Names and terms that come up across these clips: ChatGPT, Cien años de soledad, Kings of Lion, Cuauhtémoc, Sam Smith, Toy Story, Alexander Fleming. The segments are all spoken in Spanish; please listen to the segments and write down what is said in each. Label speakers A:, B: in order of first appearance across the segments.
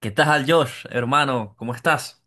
A: ¿Qué tal, Josh, hermano? ¿Cómo estás?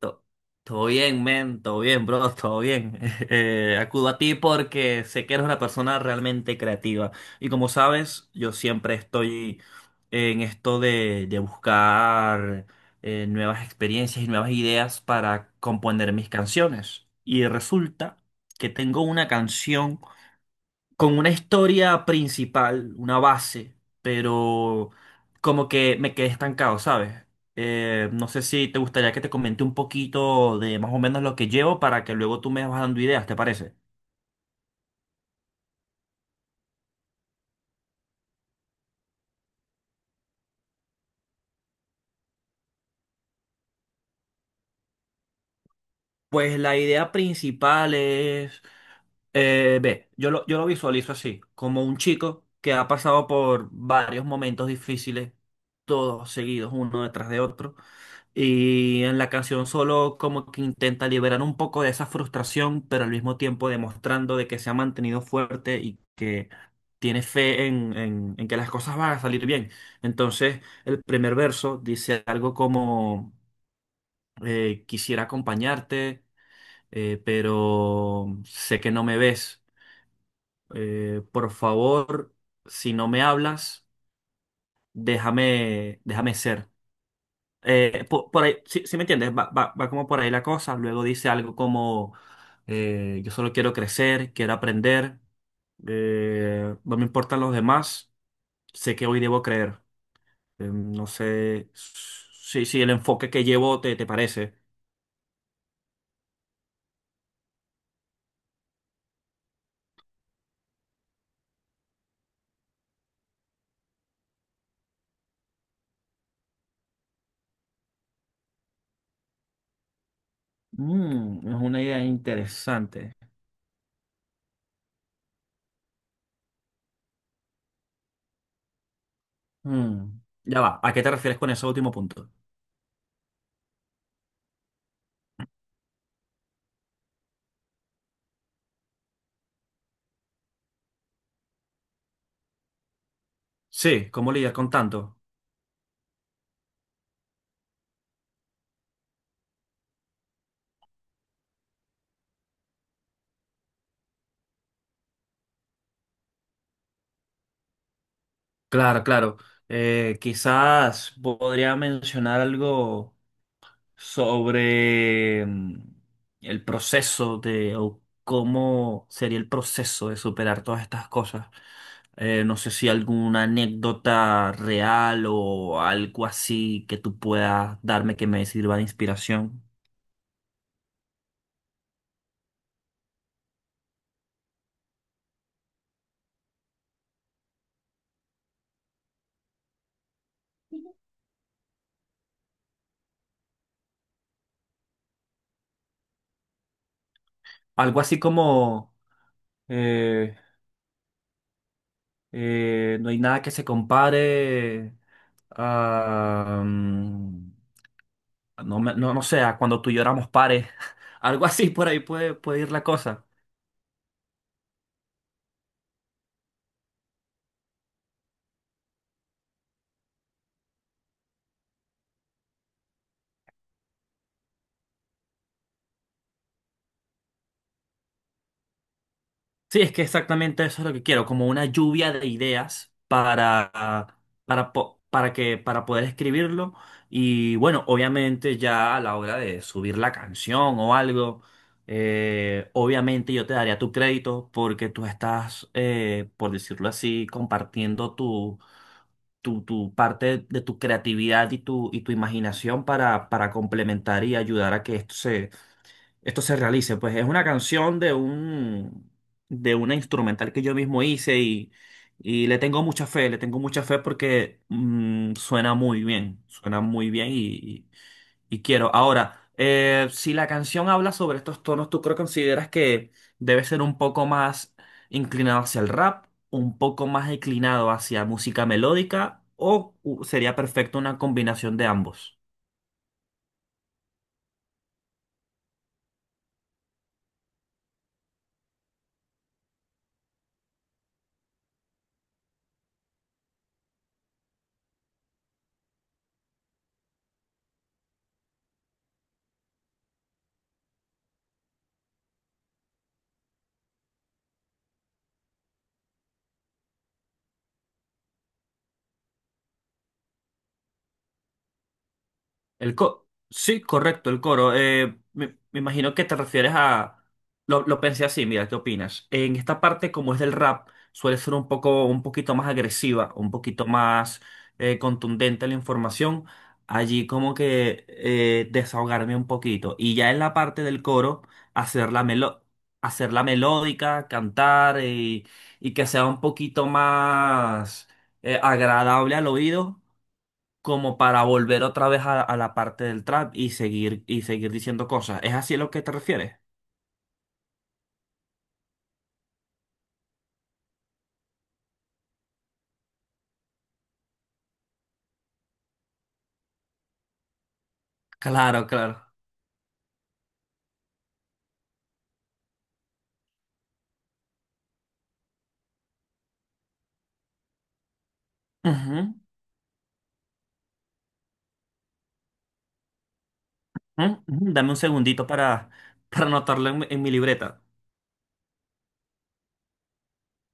A: To- Todo bien, men, todo bien, bro, todo bien. Acudo a ti porque sé que eres una persona realmente creativa. Y como sabes, yo siempre estoy en esto de buscar nuevas experiencias y nuevas ideas para componer mis canciones. Y resulta que tengo una canción con una historia principal, una base, pero como que me quedé estancado, ¿sabes? No sé si te gustaría que te comente un poquito de más o menos lo que llevo para que luego tú me vas dando ideas, ¿te parece? Pues la idea principal es, ve, yo lo visualizo así, como un chico que ha pasado por varios momentos difíciles, todos seguidos uno detrás de otro. Y en la canción solo como que intenta liberar un poco de esa frustración, pero al mismo tiempo demostrando de que se ha mantenido fuerte y que tiene fe en que las cosas van a salir bien. Entonces, el primer verso dice algo como, quisiera acompañarte, pero sé que no me ves. Por favor, si no me hablas, déjame, déjame ser. Por, ahí, sí, sí me entiendes, va, va como por ahí la cosa. Luego dice algo como, yo solo quiero crecer, quiero aprender, no me importan los demás, sé que hoy debo creer. No sé si el enfoque que llevo te parece. Mm, es una idea interesante. Mm, ya va, ¿a qué te refieres con ese último punto? Sí, ¿cómo lidiar con tanto? Claro, claro. Quizás podría mencionar algo sobre el proceso de, o cómo sería el proceso de superar todas estas cosas. No sé si alguna anécdota real o algo así que tú puedas darme que me sirva de inspiración. Algo así como eh, no hay nada que se compare a, no, no, no sé, a cuando tú lloramos pares. Algo así por ahí puede, puede ir la cosa. Sí, es que exactamente eso es lo que quiero, como una lluvia de ideas para que, para poder escribirlo. Y bueno, obviamente ya a la hora de subir la canción o algo, obviamente yo te daría tu crédito porque tú estás, por decirlo así, compartiendo tu parte de tu creatividad y tu imaginación para complementar y ayudar a que esto se realice. Pues es una canción de un, de una instrumental que yo mismo hice y le tengo mucha fe, le tengo mucha fe porque suena muy bien y quiero. Ahora, si la canción habla sobre estos tonos, ¿tú creo consideras que debe ser un poco más inclinado hacia el rap, un poco más inclinado hacia música melódica o sería perfecto una combinación de ambos? El co Sí, correcto, el coro. Me imagino que te refieres a... Lo pensé así, mira, ¿qué opinas? En esta parte, como es del rap, suele ser un poco, un poquito más agresiva, un poquito más contundente la información. Allí como que desahogarme un poquito. Y ya en la parte del coro, hacer la melo- hacer la melódica, cantar y que sea un poquito más agradable al oído como para volver otra vez a la parte del trap y seguir diciendo cosas. ¿Es así a lo que te refieres? Claro, claro. Ujú, ujú, ujú. Dame un segundito para anotarlo en mi libreta.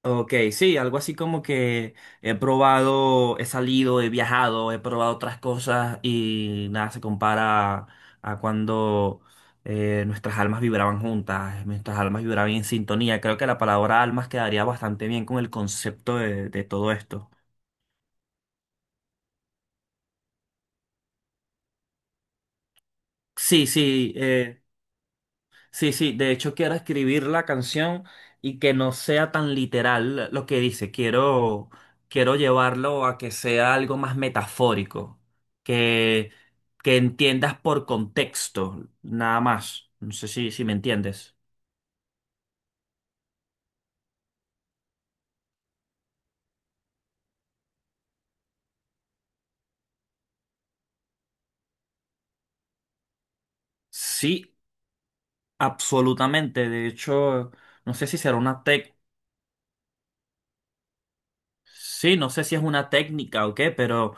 A: Ok, sí, algo así como que he probado, he salido, he viajado, he probado otras cosas y nada se compara a cuando nuestras almas vibraban juntas, nuestras almas vibraban en sintonía. Creo que la palabra almas quedaría bastante bien con el concepto de todo esto. Sí, sí, sí, sí. De hecho, quiero escribir la canción y que no sea tan literal lo que dice. Quiero llevarlo a que sea algo más metafórico, que, que entiendas por contexto, nada más. No sé si me entiendes. Sí, absolutamente. De hecho, no sé si será una técnica. Sí, no sé si es una técnica o qué, pero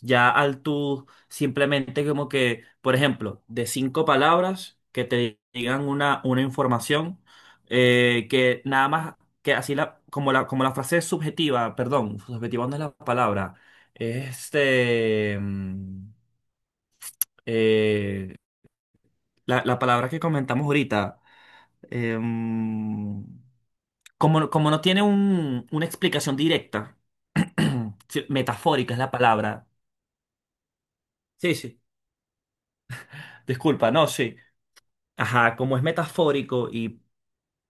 A: ya al tú simplemente como que, por ejemplo, de cinco palabras que te digan una información que nada más que así como la frase es subjetiva, perdón, subjetiva no es la palabra, este, mm, eh, la palabra que comentamos ahorita, em, como, no tiene una explicación directa, sí, metafórica es la palabra. Sí, sí. Disculpa, no, sí. Ajá, como es metafórico y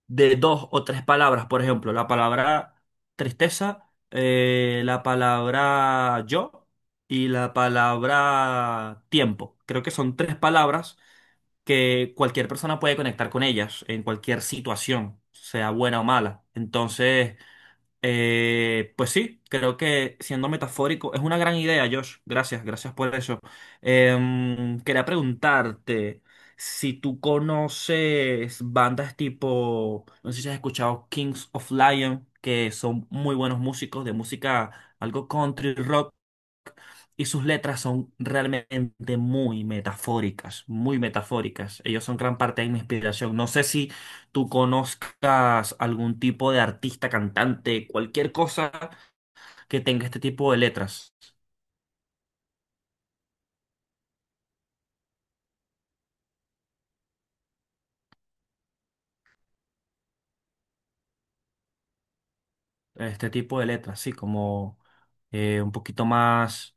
A: de dos o tres palabras, por ejemplo, la palabra tristeza, la palabra yo y la palabra tiempo. Creo que son tres palabras que cualquier persona puede conectar con ellas en cualquier situación, sea buena o mala. Entonces... Pues sí, creo que siendo metafórico, es una gran idea, Josh. Gracias, gracias por eso. Quería preguntarte si tú conoces bandas tipo, no sé si has escuchado Kings of Lion, que son muy buenos músicos de música, algo country rock y sus letras son realmente muy metafóricas, muy metafóricas. Ellos son gran parte de mi inspiración. No sé si tú conozcas algún tipo de artista, cantante, cualquier cosa que tenga este tipo de letras, este tipo de letras, sí, como un poquito más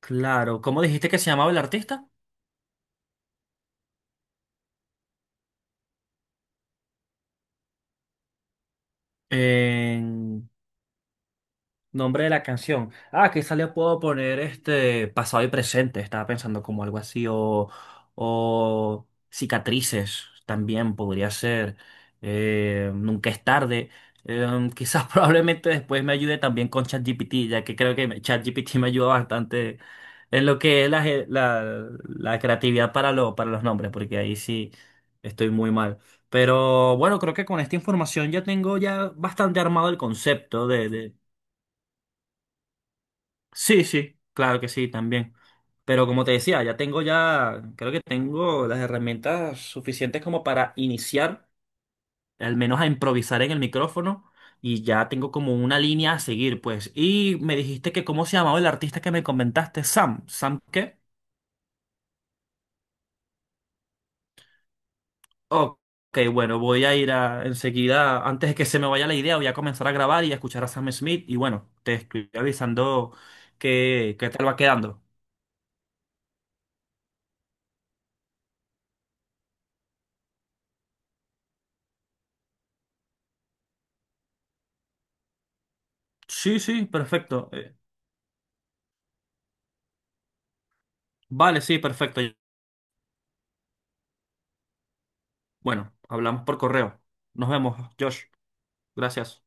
A: claro. ¿Cómo dijiste que se llamaba el artista? Eh, Nombre de la canción. Ah, quizá le puedo poner este pasado y presente. Estaba pensando como algo así. O cicatrices también podría ser. Nunca es tarde. Quizás probablemente después me ayude también con ChatGPT, ya que creo que ChatGPT me ayuda bastante en lo que es la creatividad para los nombres, porque ahí sí estoy muy mal. Pero bueno, creo que con esta información ya tengo ya bastante armado el concepto. Sí, sí, claro que sí, también. Pero como te decía, ya tengo ya, creo que tengo las herramientas suficientes como para iniciar, al menos a improvisar en el micrófono, y ya tengo como una línea a seguir, pues. Y me dijiste que cómo se llamaba el artista que me comentaste, Sam. ¿Sam qué? Ok, bueno, voy a ir a, enseguida, antes de que se me vaya la idea, voy a comenzar a grabar y a escuchar a Sam Smith, y bueno, te estoy avisando qué, qué tal va quedando. Sí, sí, perfecto. Vale, sí, perfecto. Bueno, hablamos por correo. Nos vemos, Josh. Gracias.